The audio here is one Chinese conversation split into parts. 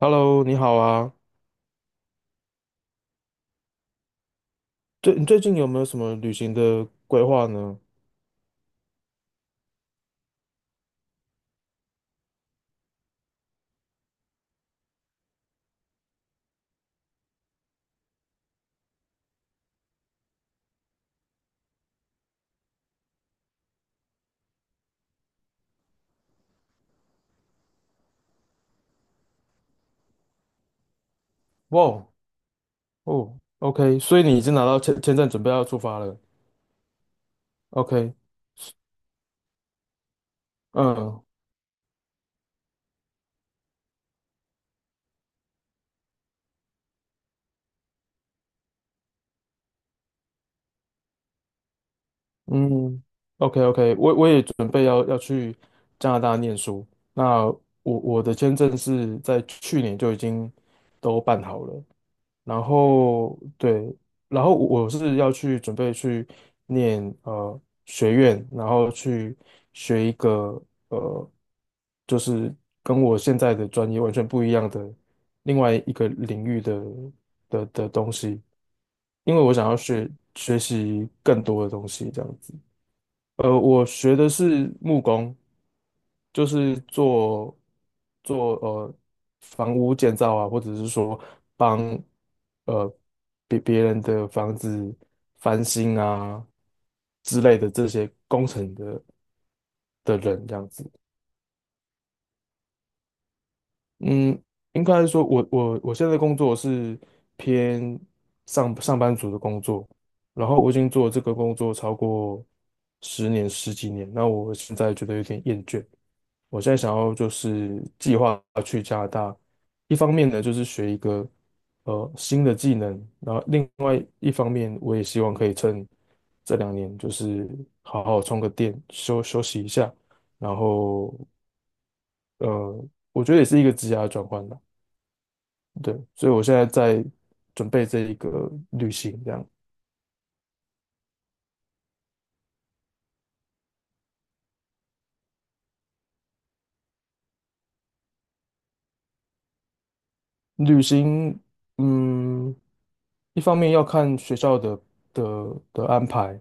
Hello，你好啊。你最近有没有什么旅行的规划呢？哇哦哦，OK，所以你已经拿到签证，准备要出发了。OK。嗯嗯，OK OK，我也准备要去加拿大念书。那我的签证是在去年就已经都办好了，然后对。然后我是要去准备去念学院，然后去学一个呃，就是跟我现在的专业完全不一样的另外一个领域的东西，因为我想要学习更多的东西，这样子。呃，我学的是木工，就是做房屋建造啊，或者是说帮呃别人的房子翻新啊之类的这些工程的人这样子。嗯，应该说我现在工作是偏上班族的工作，然后我已经做这个工作超过十几年，那我现在觉得有点厌倦。我现在想要就是计划去加拿大，一方面呢就是学一个呃新的技能，然后另外一方面我也希望可以趁这两年，就是好好充个电，休息一下，然后呃我觉得也是一个职涯转换吧。对，所以我现在在准备这一个旅行，这样。旅行嗯一方面要看学校的安排。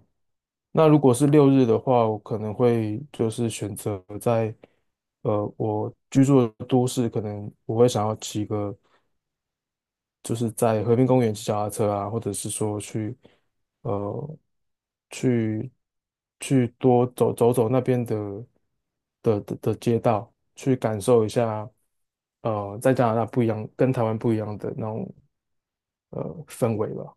那如果是六日的话，我可能会就是选择在我居住的都市，可能我会想要骑个，就是在和平公园骑脚踏车啊，或者是说呃去去多走那边的街道，去感受一下呃在加拿大不一样，跟台湾不一样的那种呃氛围吧。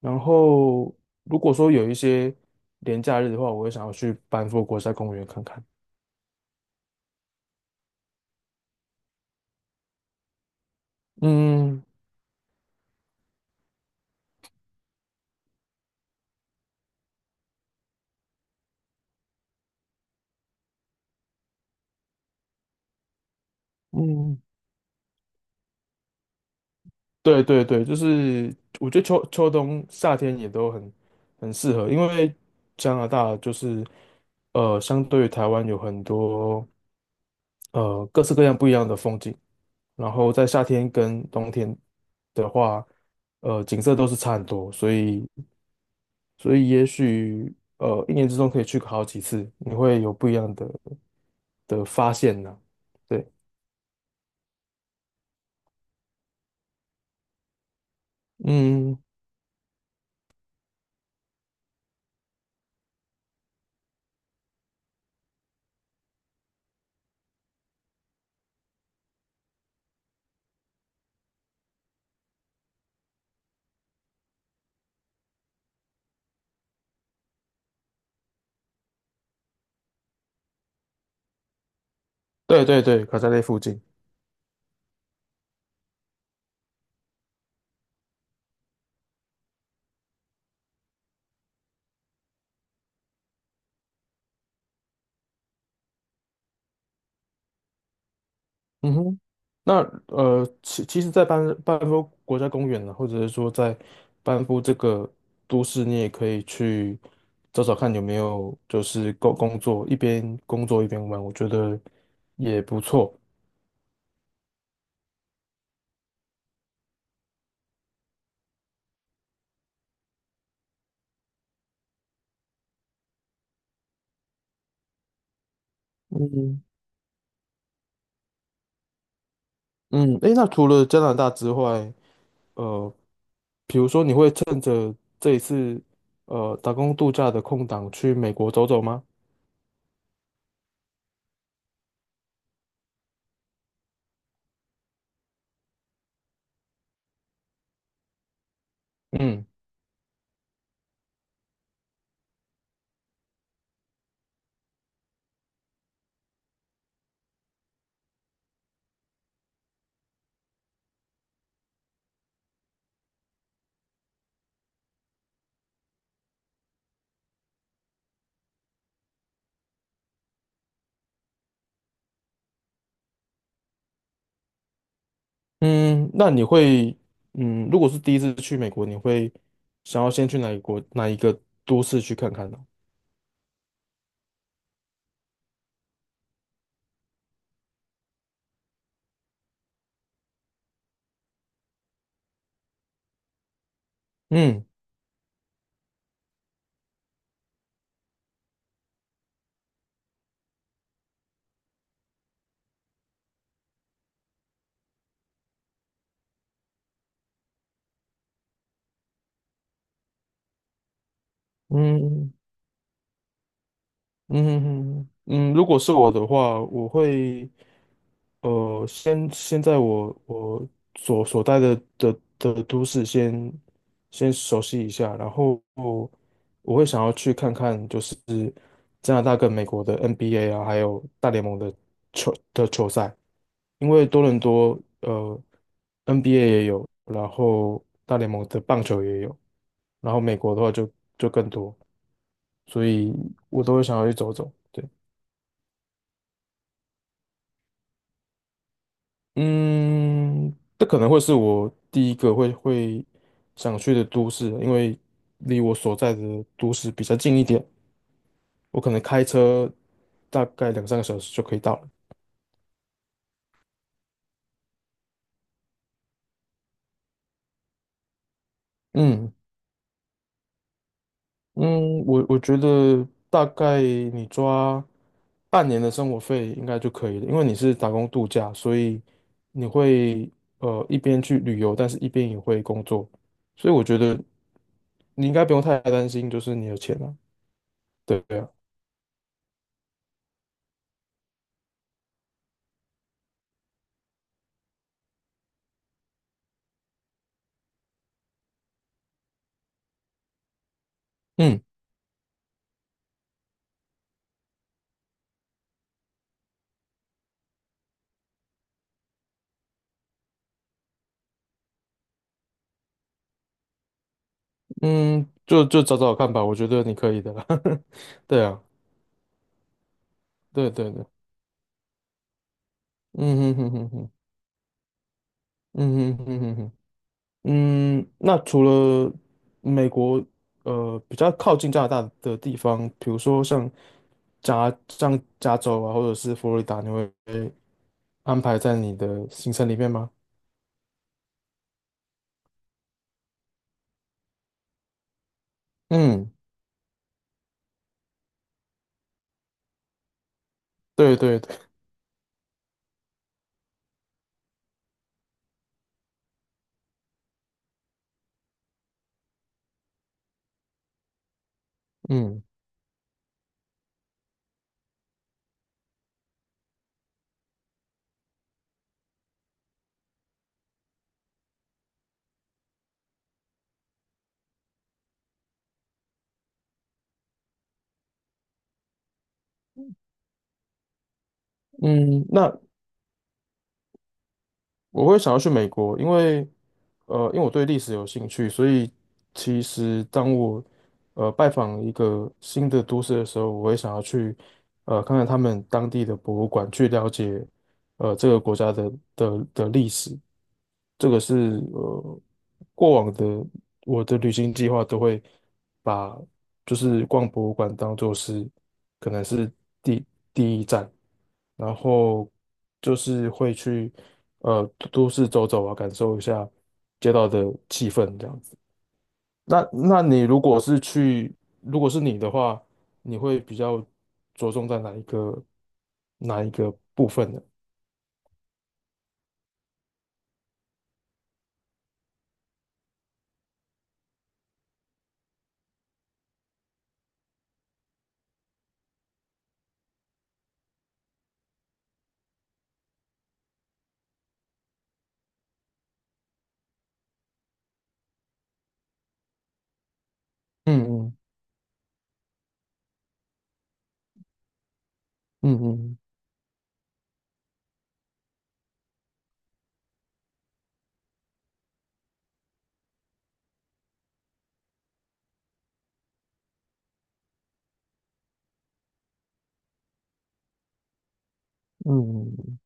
然后如果说有一些连假日的话，我会想要去班夫国家公园看看。嗯。嗯，对对对，就是我觉得秋冬夏天也都很很适合，因为加拿大就是呃，相对于台湾有很多呃各式各样不一样的风景，然后在夏天跟冬天的话，呃，景色都是差很多，所以所以也许呃一年之中可以去好几次，你会有不一样的发现呢、对。嗯，对对对，卡扎列附近。嗯哼，那呃，其实，在班夫国家公园呢，或者是说在班夫这个都市，你也可以去找找看有没有就是工作，一边工作一边玩，我觉得也不错。嗯。嗯，诶，那除了加拿大之外，这一次呃打工度假的空档去美国走走吗？嗯。嗯，那你会嗯，如果是第一次去美国，你会想要先去哪一国哪一个都市去看看呢？嗯。嗯嗯，如果是我的话，我会，呃，先现在我所所在的都市先先熟悉一下，然后我会想要去看看，就是加拿大跟美国的 NBA 啊，还有大联盟的球赛，因为多伦多呃 NBA 也有，然后大联盟的棒球也有，然后美国的话就就更多，所以我都会想要去走走。对。嗯，这可能会是我第一个会想去的都市，因为离我所在的都市比较近一点，我可能开车大概两三个小时就可以到了。嗯。嗯，我觉得大概你抓半年的生活费应该就可以了，因为你是打工度假，所以你会呃一边去旅游，但是一边也会工作，所以我觉得你应该不用太担心，就是你的钱了。对啊。嗯。嗯，就找找看吧，我觉得你可以的啦。对啊。对对对。嗯哼哼哼哼。嗯哼哼哼哼。嗯，那除了美国，呃，比较靠近加拿大的地方，比如说像像加州啊，或者是佛罗里达，你会安排在你的行程里面吗？嗯，对对对。嗯嗯，那我会想要去美国，因为呃，因为我对历史有兴趣，所以其实当我呃拜访一个新的都市的时候，我会想要去呃看看他们当地的博物馆，去了解呃这个国家的历史，这个是呃过往的我的旅行计划都会把就是逛博物馆当做是可能是第第一站，然后就是会去呃都市走走啊，感受一下街道的气氛这样子。那那你如果是去，如果是你的话，你会比较着重在哪一个哪一个部分呢？嗯嗯嗯嗯嗯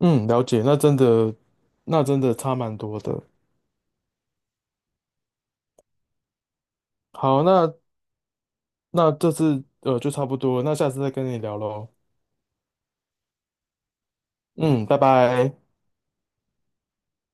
嗯，了解，那真的，那真的差蛮多的。好，那那这次呃就差不多，那下次再跟你聊喽。嗯，拜拜。